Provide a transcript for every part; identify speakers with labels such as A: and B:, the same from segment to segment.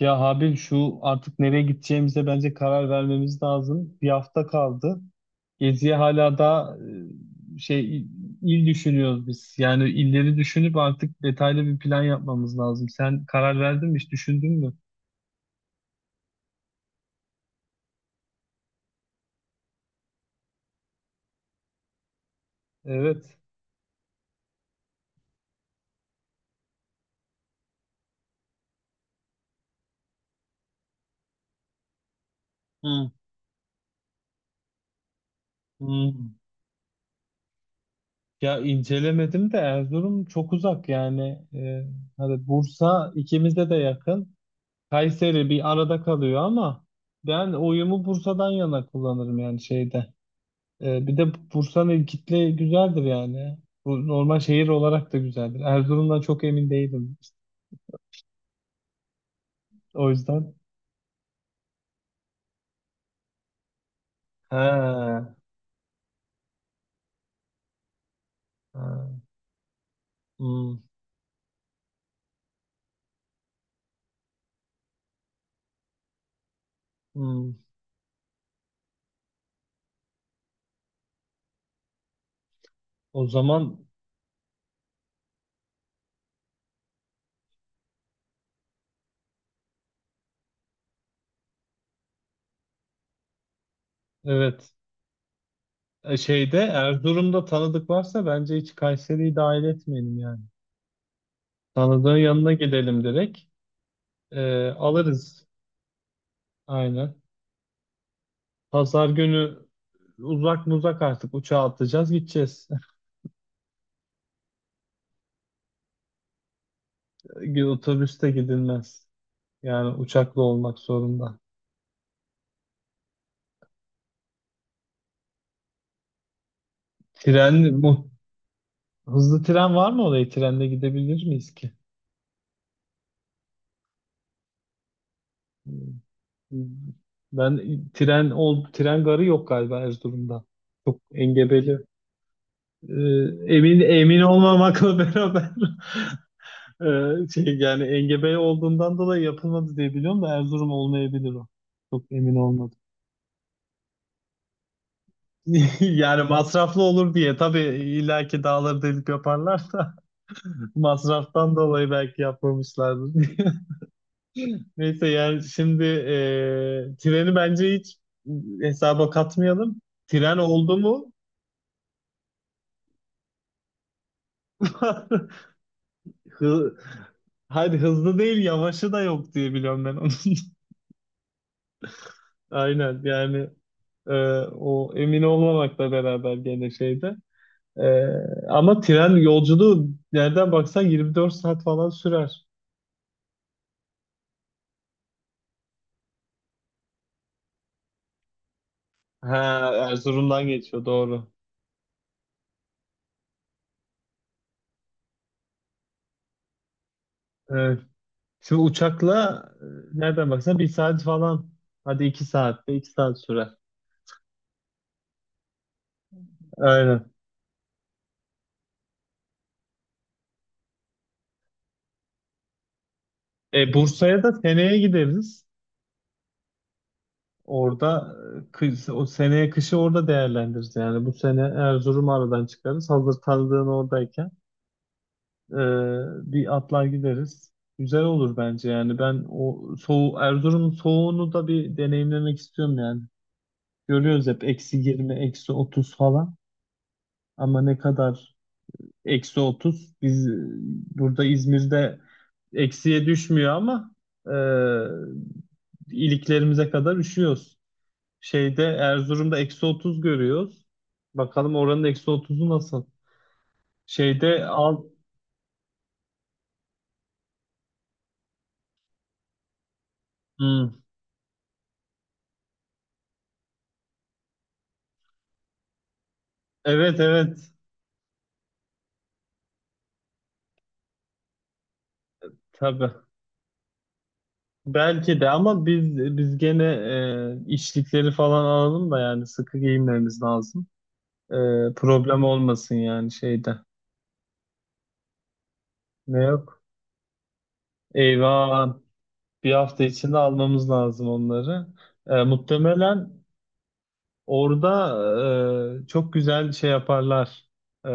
A: Ya Habil şu artık nereye gideceğimize bence karar vermemiz lazım. Bir hafta kaldı. Geziye hala da şey il düşünüyoruz biz. Yani illeri düşünüp artık detaylı bir plan yapmamız lazım. Sen karar verdin mi? Hiç düşündün mü? Evet. Hı. Hı. Ya incelemedim de Erzurum çok uzak yani. Ee, hani Bursa ikimize de yakın. Kayseri bir arada kalıyor ama ben oyumu Bursa'dan yana kullanırım yani şeyde. Bir de Bursa'nın kitle güzeldir yani. Bu normal şehir olarak da güzeldir. Erzurum'dan çok emin değilim. O yüzden. Ha. He. Hmm, hmm. O zaman evet. Şeyde Erzurum'da tanıdık varsa bence hiç Kayseri'yi dahil etmeyelim yani. Tanıdığın yanına gidelim direkt. Alırız. Aynen. Pazar günü uzak mı uzak artık uçağa atlayacağız gideceğiz. Otobüste gidilmez. Yani uçakla olmak zorunda. Bu hızlı tren var mı oraya? Trenle gidebilir miyiz ki? Ben tren garı yok galiba Erzurum'da. Çok engebeli. Ee, emin olmamakla beraber şey yani engebeli olduğundan dolayı yapılmadı diye biliyorum da Erzurum olmayabilir o. Çok emin olmadım. Yani masraflı olur diye tabii illaki dağları delip yaparlar da masraftan dolayı belki yapmamışlardır. Neyse yani şimdi treni bence hiç hesaba katmayalım. Tren oldu mu? Hı, hadi hızlı değil yavaşı da yok diye biliyorum ben onun. Aynen yani e, o emin olmamakla beraber gene şeyde. E, ama tren yolculuğu nereden baksan 24 saat falan sürer. Ha, Erzurum'dan geçiyor doğru. Evet. Şimdi uçakla nereden baksan 1 saat falan. Hadi 2 saat sürer. Aynen. Bursa'ya da seneye gideriz. Orada o seneye kışı orada değerlendiririz. Yani bu sene Erzurum'u aradan çıkarız. Hazır tanıdığın oradayken e, bir atlar gideriz. Güzel olur bence yani. Ben o soğu Erzurum'un soğuğunu da bir deneyimlemek istiyorum yani. Görüyoruz hep -20, -30 falan. Ama ne kadar -30? Biz burada İzmir'de eksiye düşmüyor ama e, iliklerimize kadar üşüyoruz. Şeyde Erzurum'da -30 görüyoruz. Bakalım oranın -30'u nasıl? Şeyde. Hmm. Evet evet tabii. Belki de ama biz gene içlikleri falan alalım da yani sıkı giyinmemiz lazım. E, problem olmasın yani şeyde. Ne yok? Eyvah bir hafta içinde almamız lazım onları. Muhtemelen orada çok güzel şey yaparlar. E,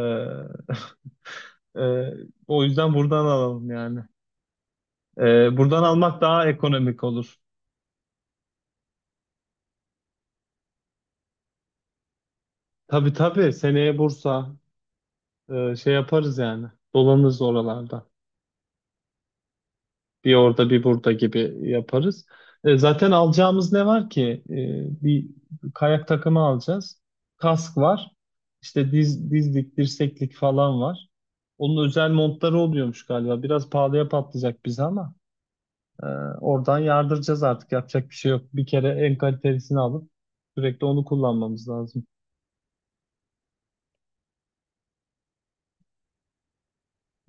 A: Ee, o yüzden buradan alalım yani. Buradan almak daha ekonomik olur. Tabii tabii seneye Bursa şey yaparız yani. Dolanırız oralarda. Bir orada bir burada gibi yaparız. Zaten alacağımız ne var ki? Bir kayak takımı alacağız. Kask var. İşte dizlik, dirseklik falan var. Onun özel montları oluyormuş galiba. Biraz pahalıya patlayacak bize ama. Ee, oradan yardıracağız artık. Yapacak bir şey yok. Bir kere en kalitelisini alıp sürekli onu kullanmamız lazım.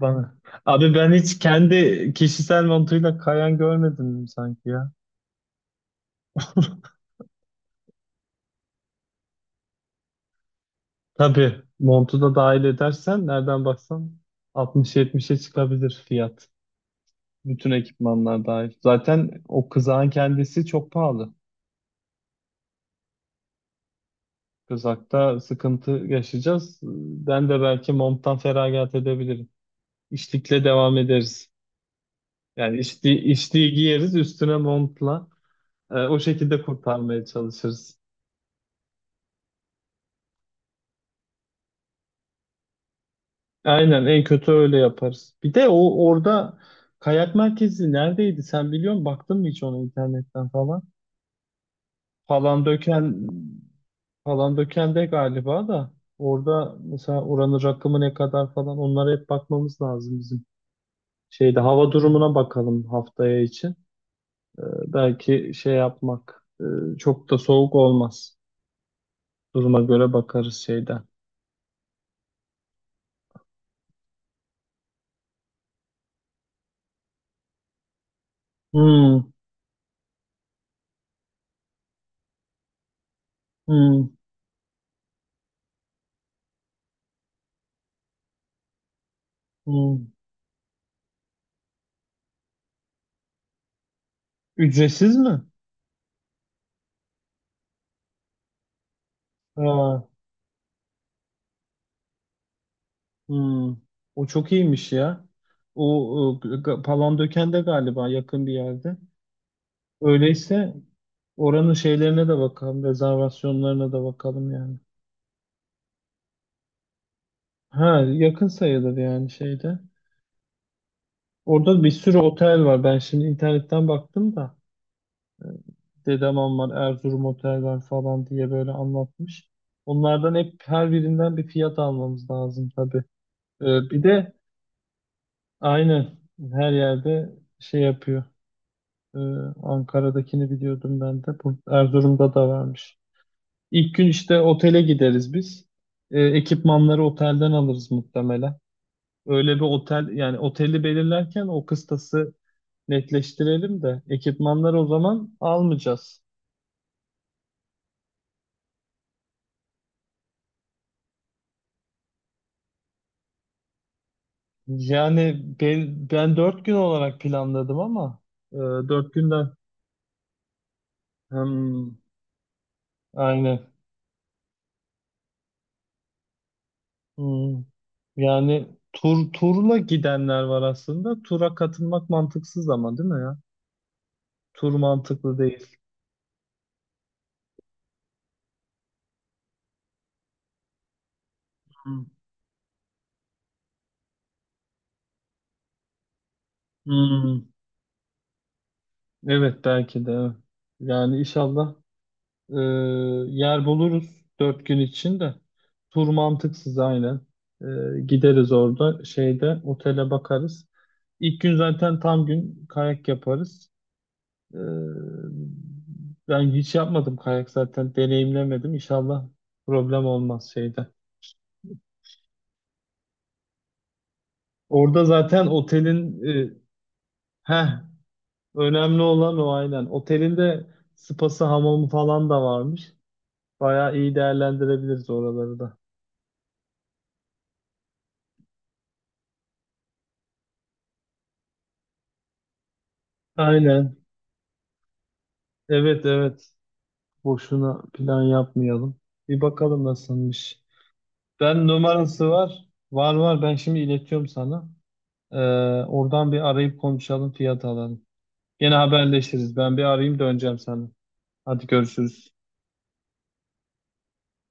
A: Bana. Abi ben hiç kendi kişisel montuyla kayan görmedim sanki ya. Tabii montu da dahil edersen nereden baksan 60-70'e çıkabilir fiyat. Bütün ekipmanlar dahil. Zaten o kızağın kendisi çok pahalı. Kızakta sıkıntı yaşayacağız. Ben de belki monttan feragat edebilirim. İşlikle devam ederiz. Yani içtiği giyeriz üstüne montla. O şekilde kurtarmaya çalışırız. Aynen en kötü öyle yaparız. Bir de o orada kayak merkezi neredeydi sen biliyor musun? Baktın mı hiç onu internetten falan? Falan döken falan döken de galiba da orada mesela oranın rakımı ne kadar falan onlara hep bakmamız lazım bizim. Şeyde hava durumuna bakalım haftaya için. Belki şey yapmak çok da soğuk olmaz. Duruma göre bakarız şeyden. Hmm. Hmm, hmm. Ücretsiz mi? Aa, hmm. O çok iyiymiş ya. O, Palandöken'de galiba yakın bir yerde. Öyleyse oranın şeylerine de bakalım, rezervasyonlarına da bakalım yani. Ha, yakın sayılır yani şeyde. Orada bir sürü otel var. Ben şimdi internetten baktım da e, Dedem var, Erzurum Otel var falan diye böyle anlatmış. Onlardan hep her birinden bir fiyat almamız lazım tabii. E, bir de aynen. Her yerde şey yapıyor. Ee, Ankara'dakini biliyordum ben de. Bu Erzurum'da da varmış. İlk gün işte otele gideriz biz. Ekipmanları otelden alırız muhtemelen. Öyle bir otel yani oteli belirlerken o kıstası netleştirelim de ekipmanları o zaman almayacağız. Yani ben 4 gün olarak planladım ama e, 4 günden hmm, aynen. Hmm. Yani turla gidenler var aslında. Tura katılmak mantıksız ama değil mi ya? Tur mantıklı değil. Hmm. Hmm. Evet belki de. Evet. Yani inşallah e, yer buluruz 4 gün için de. Tur mantıksız aynen. E, gideriz orada şeyde otele bakarız. İlk gün zaten tam gün kayak yaparız. E, ben hiç yapmadım kayak zaten deneyimlemedim. İnşallah problem olmaz şeyde. Orada zaten otelin e, heh, önemli olan o, aynen. Otelin de spası, hamamı falan da varmış. Bayağı iyi değerlendirebiliriz oraları da. Aynen. Evet evet. Boşuna plan yapmayalım. Bir bakalım nasılmış. Ben numarası var. Var var. Ben şimdi iletiyorum sana. Ee, oradan bir arayıp konuşalım, fiyat alalım. Gene haberleşiriz. Ben bir arayayım döneceğim sana. Hadi görüşürüz.